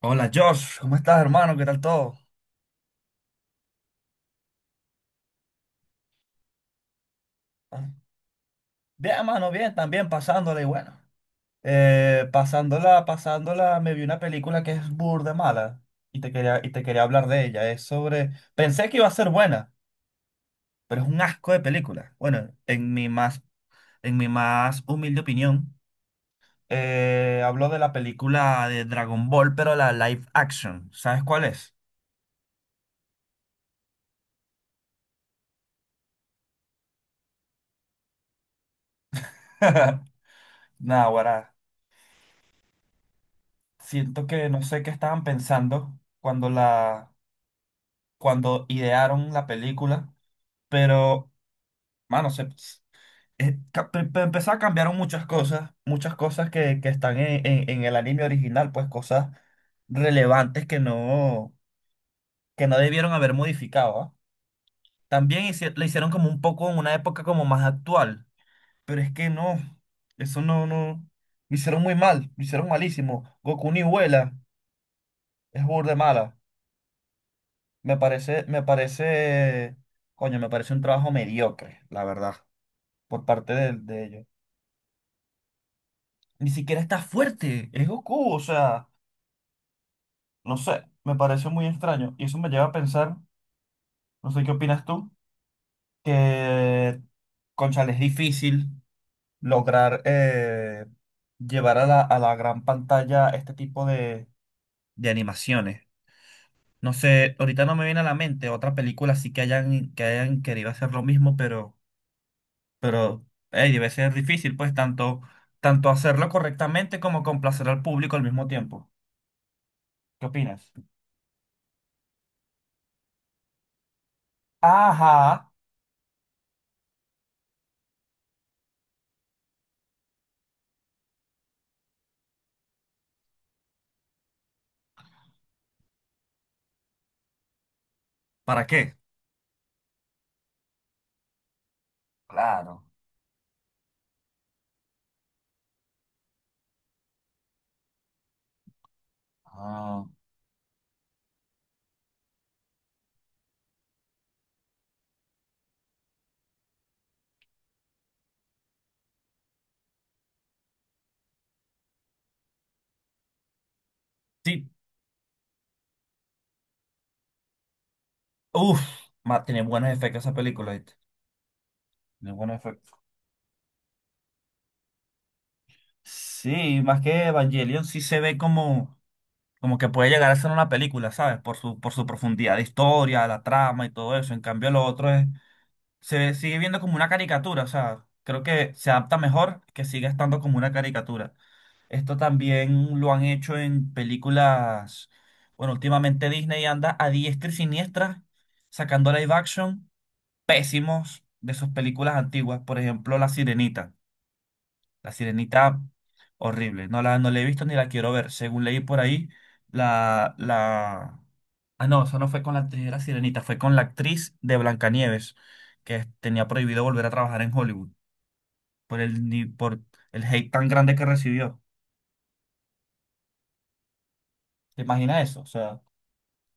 Hola Josh, ¿cómo estás hermano? ¿Qué tal todo? Ah, bien hermano, bien, también pasándola y bueno. Pasándola, pasándola, me vi una película que es burda mala y te quería hablar de ella. Pensé que iba a ser buena, pero es un asco de película. Bueno, en mi más humilde opinión, hablo de la película de Dragon Ball, pero la live action. ¿Sabes cuál es? Nada, ahora siento que no sé qué estaban pensando cuando idearon la película, pero, mano, se, ca- pe- pe- empezó a cambiar muchas cosas que están en el anime original, pues cosas relevantes que no debieron haber modificado, ¿ah? También le hicieron como un poco en una época como más actual, pero es que no, eso no, no, lo hicieron muy mal, lo hicieron malísimo. Goku ni vuela, es burda de mala. Me parece, me parece, coño, me parece un trabajo mediocre, la verdad. Por parte de ellos. Ni siquiera está fuerte, es Goku, o sea, no sé, me pareció muy extraño. Y eso me lleva a pensar, no sé qué opinas tú, que, cónchale, es difícil lograr llevar a la gran pantalla este tipo de animaciones. No sé, ahorita no me viene a la mente otra película sí que hayan querido hacer lo mismo, pero ey, debe ser difícil, pues, tanto hacerlo correctamente como complacer al público al mismo tiempo. ¿Qué opinas? Ajá. ¿Para qué? Claro. Ah, sí, uff, tiene buenos efectos esa película, ¿viste? De buenos efectos. Sí, más que Evangelion sí se ve como que puede llegar a ser una película, ¿sabes? Por su profundidad de historia, la trama y todo eso. En cambio, lo otro es sigue viendo como una caricatura, o sea, creo que se adapta mejor que siga estando como una caricatura. Esto también lo han hecho en películas, bueno, últimamente Disney anda a diestra y siniestra sacando live action pésimos de sus películas antiguas, por ejemplo La Sirenita. La Sirenita, horrible. No la he visto ni la quiero ver. Según leí por ahí, la, la... ah, no, eso no fue con la actriz de La Sirenita, fue con la actriz de Blancanieves, tenía prohibido volver a trabajar en Hollywood por el, ni- por el hate tan grande que recibió. ¿Te imaginas eso? O sea,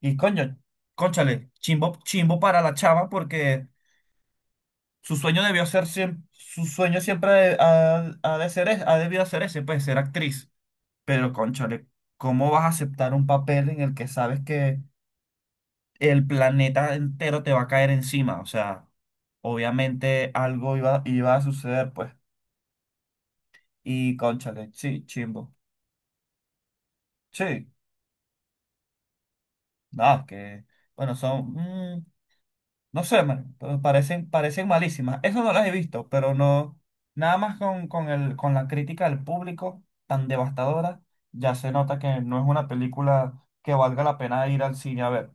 y coño, cónchale, chimbo, chimbo para la chava porque su sueño siempre ha de ser, ha debido ser ese, pues, ser actriz. Pero, cónchale, ¿cómo vas a aceptar un papel en el que sabes que el planeta entero te va a caer encima? O sea, obviamente algo iba a suceder, pues. Y, cónchale, sí, chimbo. Sí, nada, que, bueno, son, no sé, man, pero parecen malísimas. Eso no las he visto, pero no, nada más con la crítica del público tan devastadora, ya se nota que no es una película que valga la pena ir al cine a ver,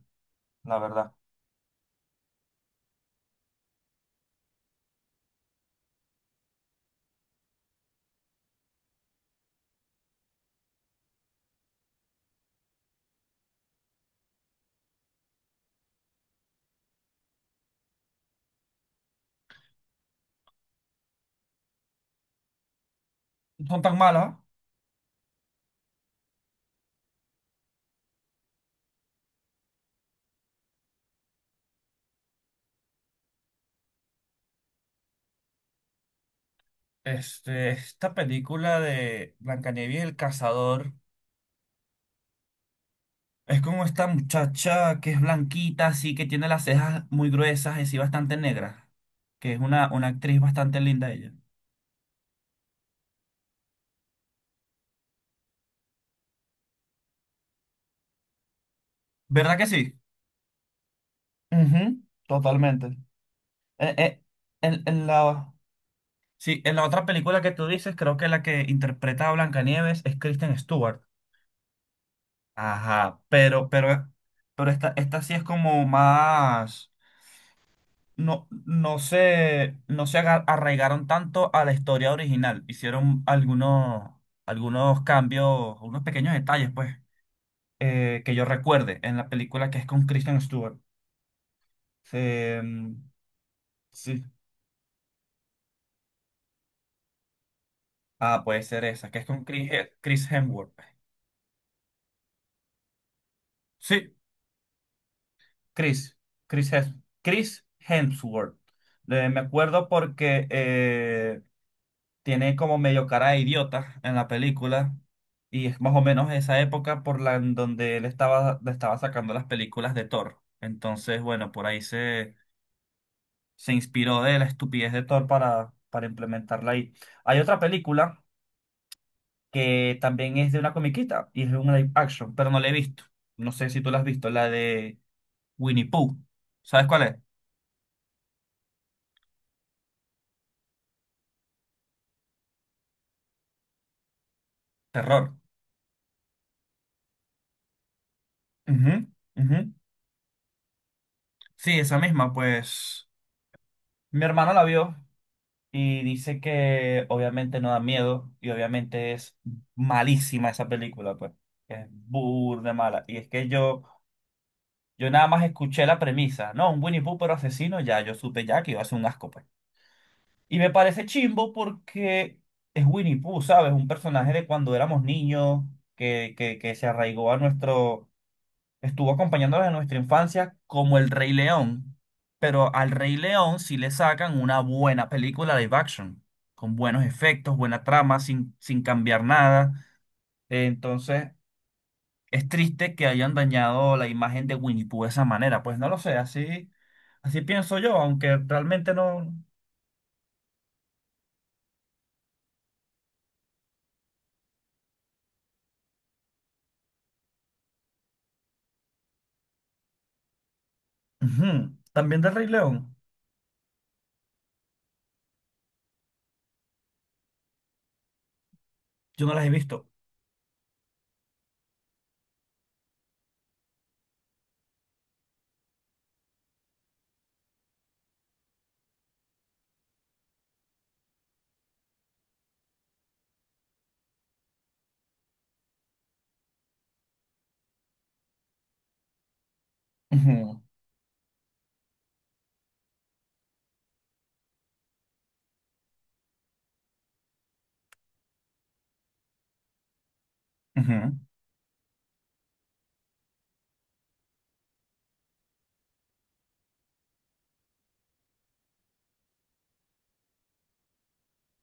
la verdad. No son tan malas. Este, esta película de Blancanieves y el cazador es como esta muchacha que es blanquita, así que tiene las cejas muy gruesas y sí bastante negras, que es una actriz bastante linda ella. ¿Verdad que sí? Ujú, totalmente. Eh, eh, en, en la, sí, en la otra película que tú dices, creo que la que interpreta a Blancanieves es Kristen Stewart. Ajá, pero esta sí es como más. No se arraigaron tanto a la historia original. Hicieron algunos cambios, unos pequeños detalles, pues, que yo recuerde en la película que es con Kristen Stewart. Se, mm, sí. Ah, puede ser esa, que es con Chris Hemsworth. Sí, Chris. Chris, Hems- Chris Hemsworth. Me acuerdo porque tiene como medio cara de idiota en la película y es más o menos esa época por la en donde él estaba, le estaba sacando las películas de Thor. Entonces, bueno, por ahí se inspiró de la estupidez de Thor para implementarla ahí. Hay otra película que también es de una comiquita y es una live action, pero no la he visto. No sé si tú la has visto, la de Winnie Pooh. ¿Sabes cuál es? Terror. Ujú, ujú. Sí, esa misma, pues mi hermano la vio. Y dice que obviamente no da miedo y obviamente es malísima esa película, pues. Es burda mala. Y es que yo nada más escuché la premisa, ¿no? Un Winnie Pooh pero asesino, ya yo supe ya que iba a ser un asco, pues. Y me parece chimbo porque es Winnie Pooh, ¿sabes? Un personaje de cuando éramos niños que se arraigó a nuestro estuvo acompañándonos en nuestra infancia como El Rey León, pero al Rey León sí le sacan una buena película live action, con buenos efectos, buena trama, sin cambiar nada. Entonces, es triste que hayan dañado la imagen de Winnie Pooh de esa manera. Pues no lo sé, así, así pienso yo, aunque realmente no. Ujú. También del Rey León, yo no las he visto. Ujú, ujú.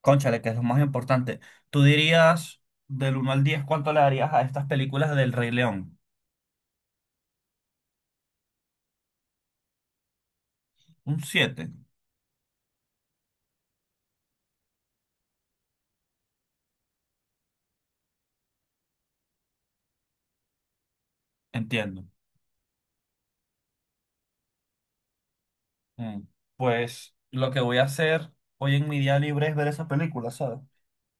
Cónchale, que es lo más importante. Tú dirías, del uno al 10, ¿cuánto le darías a estas películas del Rey León? Un siete. Entiendo. Mm. Pues lo que voy a hacer hoy en mi día libre es ver esa película, ¿sabes?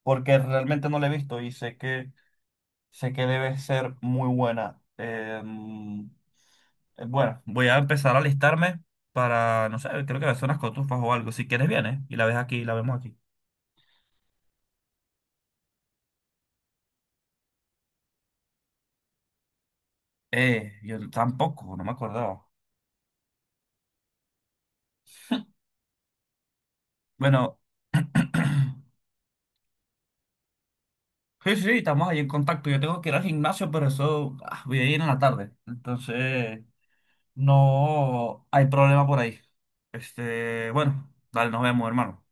Porque realmente no la he visto y sé que, debe ser muy buena. Bueno, voy a empezar a alistarme para, no sé, creo que va a ser unas cotufas o algo. Si quieres, vienes y la ves aquí, la vemos aquí. Yo tampoco, no me acordaba. Bueno. Sí, sí, sí, estamos ahí en contacto. Yo tengo que ir al gimnasio, pero eso voy a ir en la tarde. Entonces, no hay problema por ahí. Este, bueno, dale, nos vemos, hermano.